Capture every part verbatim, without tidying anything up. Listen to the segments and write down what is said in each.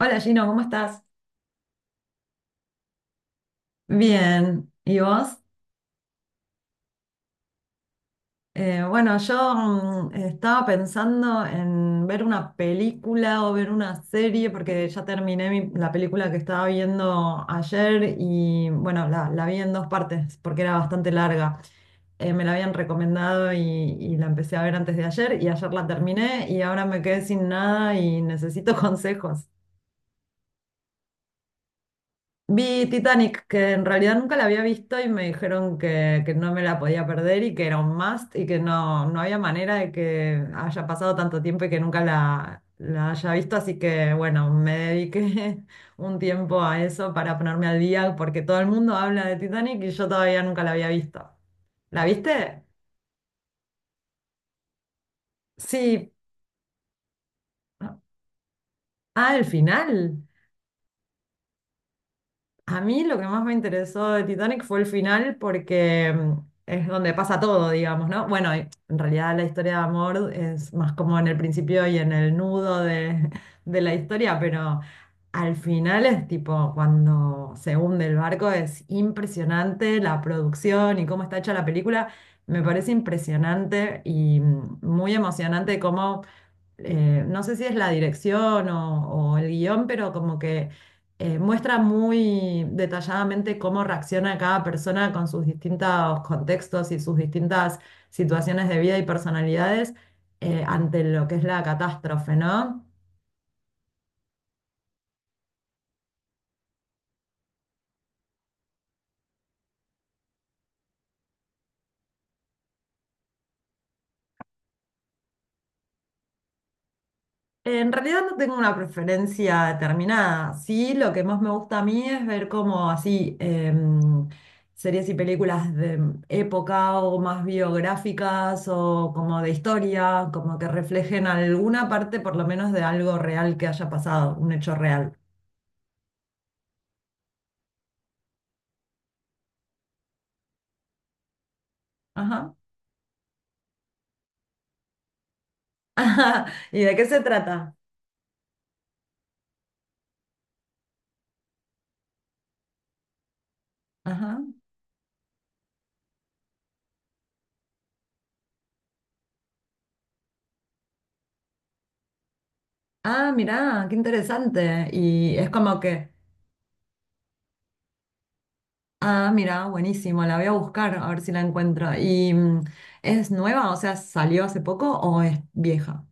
Hola Gino, ¿cómo estás? Bien, ¿y vos? Eh, bueno, yo mm, estaba pensando en ver una película o ver una serie porque ya terminé mi- la película que estaba viendo ayer y bueno, la, la vi en dos partes porque era bastante larga. Eh, me la habían recomendado y, y la empecé a ver antes de ayer y ayer la terminé y ahora me quedé sin nada y necesito consejos. Vi Titanic, que en realidad nunca la había visto y me dijeron que, que no me la podía perder y que era un must y que no, no había manera de que haya pasado tanto tiempo y que nunca la, la haya visto. Así que bueno, me dediqué un tiempo a eso para ponerme al día porque todo el mundo habla de Titanic y yo todavía nunca la había visto. ¿La viste? Sí. Ah, el final. A mí lo que más me interesó de Titanic fue el final porque mm, es donde pasa todo, digamos, ¿no? Bueno, y en realidad la historia de amor es más como en el principio y en el nudo de, de la historia, pero al final es tipo cuando se hunde el barco es impresionante la producción y cómo está hecha la película. Me parece impresionante y mm, muy emocionante cómo eh, no sé si es la dirección o, o el guión, pero como que eh, muestra muy detalladamente cómo reacciona cada persona con sus distintos contextos y sus distintas situaciones de vida y personalidades eh, ante lo que es la catástrofe, ¿no? En realidad no tengo una preferencia determinada. Sí, lo que más me gusta a mí es ver como así em, series y películas de época o más biográficas o como de historia, como que reflejen alguna parte por lo menos de algo real que haya pasado, un hecho real. Ajá. Ajá. ¿Y de qué se trata? Ajá. Ah, mirá, qué interesante. Y es como que Ah, mira, buenísimo, la voy a buscar a ver si la encuentro. ¿Y mm, es nueva? O sea, ¿salió hace poco o es vieja?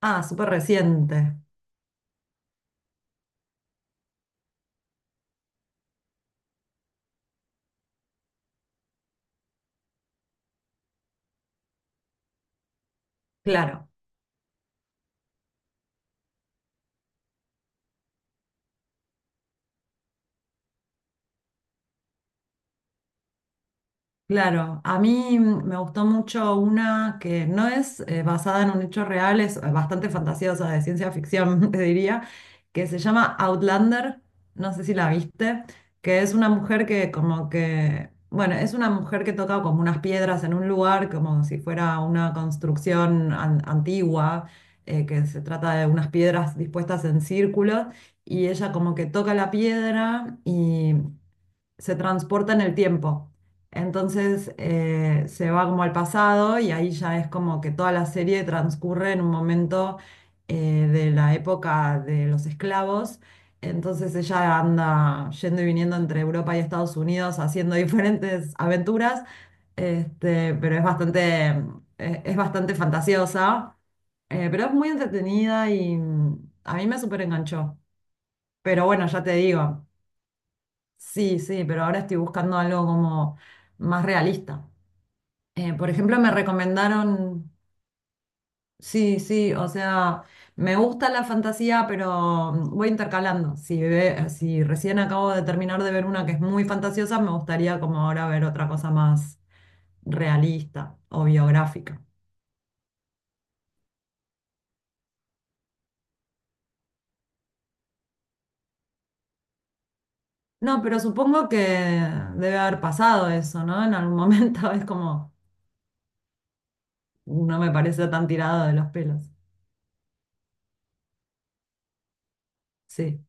Ah, súper reciente, claro. Claro, a mí mm, me gustó mucho una que no es eh, basada en un hecho real, es eh, bastante fantasiosa, de ciencia ficción, te diría, que se llama Outlander, no sé si la viste, que es una mujer que como que, bueno, es una mujer que toca como unas piedras en un lugar, como si fuera una construcción an- antigua, eh, que se trata de unas piedras dispuestas en círculos, y ella como que toca la piedra y se transporta en el tiempo. Entonces eh, se va como al pasado y ahí ya es como que toda la serie transcurre en un momento eh, de la época de los esclavos. Entonces ella anda yendo y viniendo entre Europa y Estados Unidos haciendo diferentes aventuras, este, pero es bastante, eh, es bastante fantasiosa, eh, pero es muy entretenida y mm, a mí me súper enganchó. Pero bueno, ya te digo. Sí, sí, pero ahora estoy buscando algo como más realista. Eh, por ejemplo, me recomendaron, sí, sí, o sea, me gusta la fantasía, pero mm, voy intercalando. Si, ve- eh, si recién acabo de terminar de ver una que es muy fantasiosa, me gustaría como ahora ver otra cosa más realista o biográfica. No, pero supongo que debe haber pasado eso, ¿no? En algún momento es como, no me parece tan tirado de los pelos. Sí,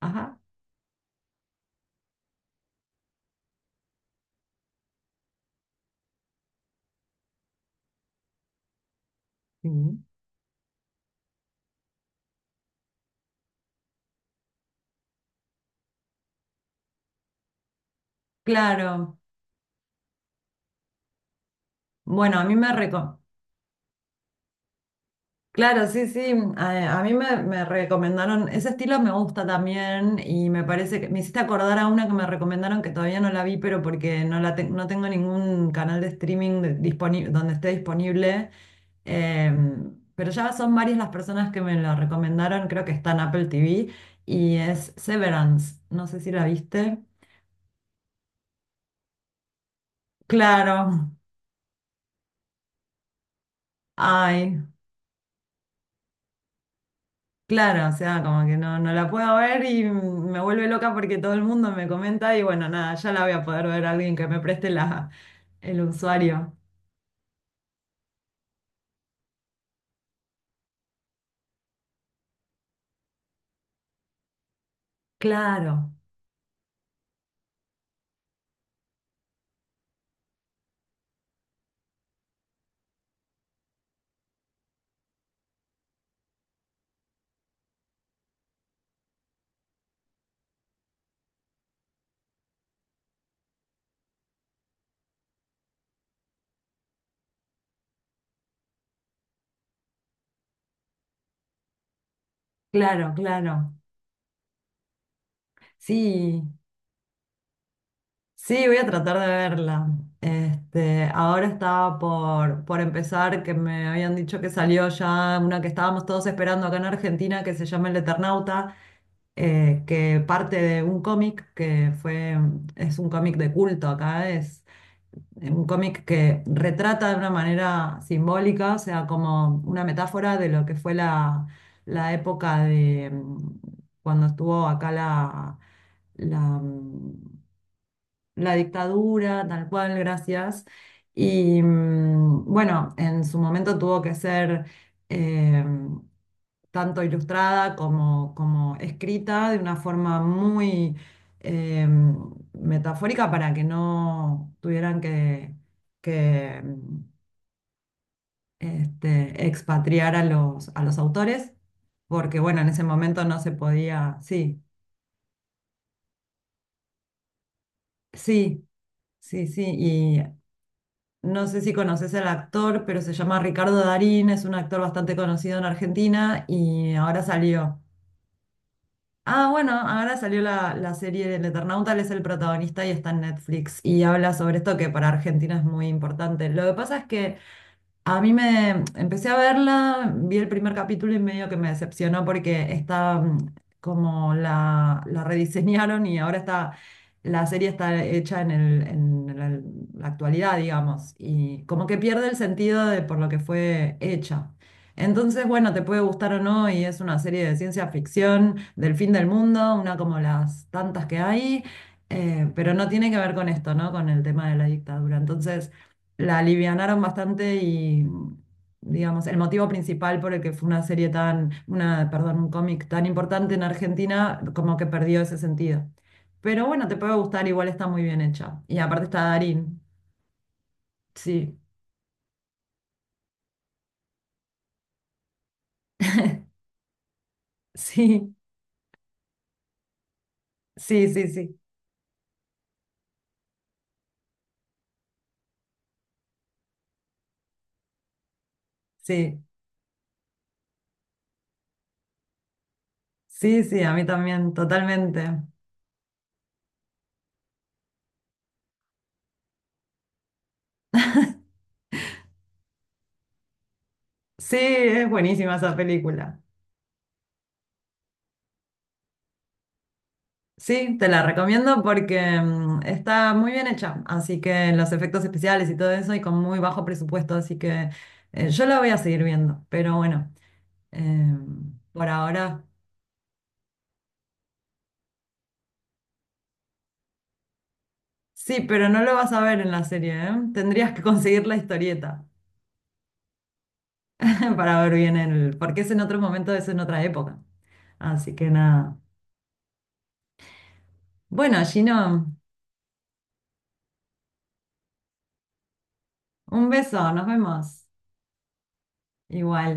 ajá. Sí. Claro. Bueno, a mí me reco- Claro, sí, sí, mm, a, a mí me, me recomendaron, ese estilo me gusta también y me parece que me hiciste acordar a una que me recomendaron que todavía no la vi, pero porque no, la te- no tengo ningún canal de streaming de- disponi- donde esté disponible. Em, pero ya son varias las personas que me la recomendaron, creo que está en Apple T V y es Severance, no sé si la viste. Claro, ay. Claro, o sea, como que no, no la puedo ver y mm, me vuelve loca porque todo el mundo me comenta y bueno, nada, ya la voy a poder ver a alguien que me preste la, el usuario. Claro, claro, claro. Sí, sí, voy a tratar de verla. Este, ahora estaba por, por empezar, que me habían dicho que salió ya una que estábamos todos esperando acá en Argentina, que se llama El Eternauta, eh, que parte de un cómic que fue, es un cómic de culto acá, es. Es un cómic que retrata de una manera simbólica, o sea, como una metáfora de lo que fue la, la época de mm, cuando estuvo acá la, la, mm, la dictadura, tal cual, gracias. Y mm, bueno, en su momento tuvo que ser eh, tanto ilustrada como, como escrita de una forma muy eh, metafórica para que no tuvieran que, que mm, este, expatriar a los, a los autores, porque bueno, en ese momento no se podía, sí, sí. Sí, sí, y No sé si conoces al actor, pero se llama Ricardo Darín, es un actor bastante conocido en Argentina y ahora salió. Ah, bueno, ahora salió la, la serie del Eternauta, él es el protagonista y está en Netflix y habla sobre esto que para Argentina es muy importante. Lo que pasa es que a mí me empecé a verla, vi el primer capítulo y medio que me decepcionó porque está mm, como la, la rediseñaron y ahora está, la serie está hecha en el, en la la actualidad, digamos, y como que pierde el sentido de por lo que fue hecha. Entonces, bueno, te puede gustar o no, y es una serie de ciencia ficción del fin del mundo, una como las tantas que hay, eh, pero no tiene que ver con esto, ¿no? Con el tema de la dictadura. Entonces la alivianaron bastante y, digamos, el motivo principal por el que fue una serie tan, una, perdón, un cómic tan importante en Argentina, como que perdió ese sentido. Pero bueno, te puede gustar, igual está muy bien hecha. Y aparte está Darín. Sí, sí, sí, sí, sí, sí, sí, sí, a mí también, totalmente. Sí, es buenísima esa película. Sí, te la recomiendo porque mm, está muy bien hecha, así que los efectos especiales y todo eso y con muy bajo presupuesto, así que eh, yo la voy a seguir viendo, pero bueno, eh, por ahora sí, pero no lo vas a ver en la serie, ¿eh? Tendrías que conseguir la historieta para ver bien el, porque es en otro momento, es en otra época, así que nada. Bueno, Gino, un beso, nos vemos igual.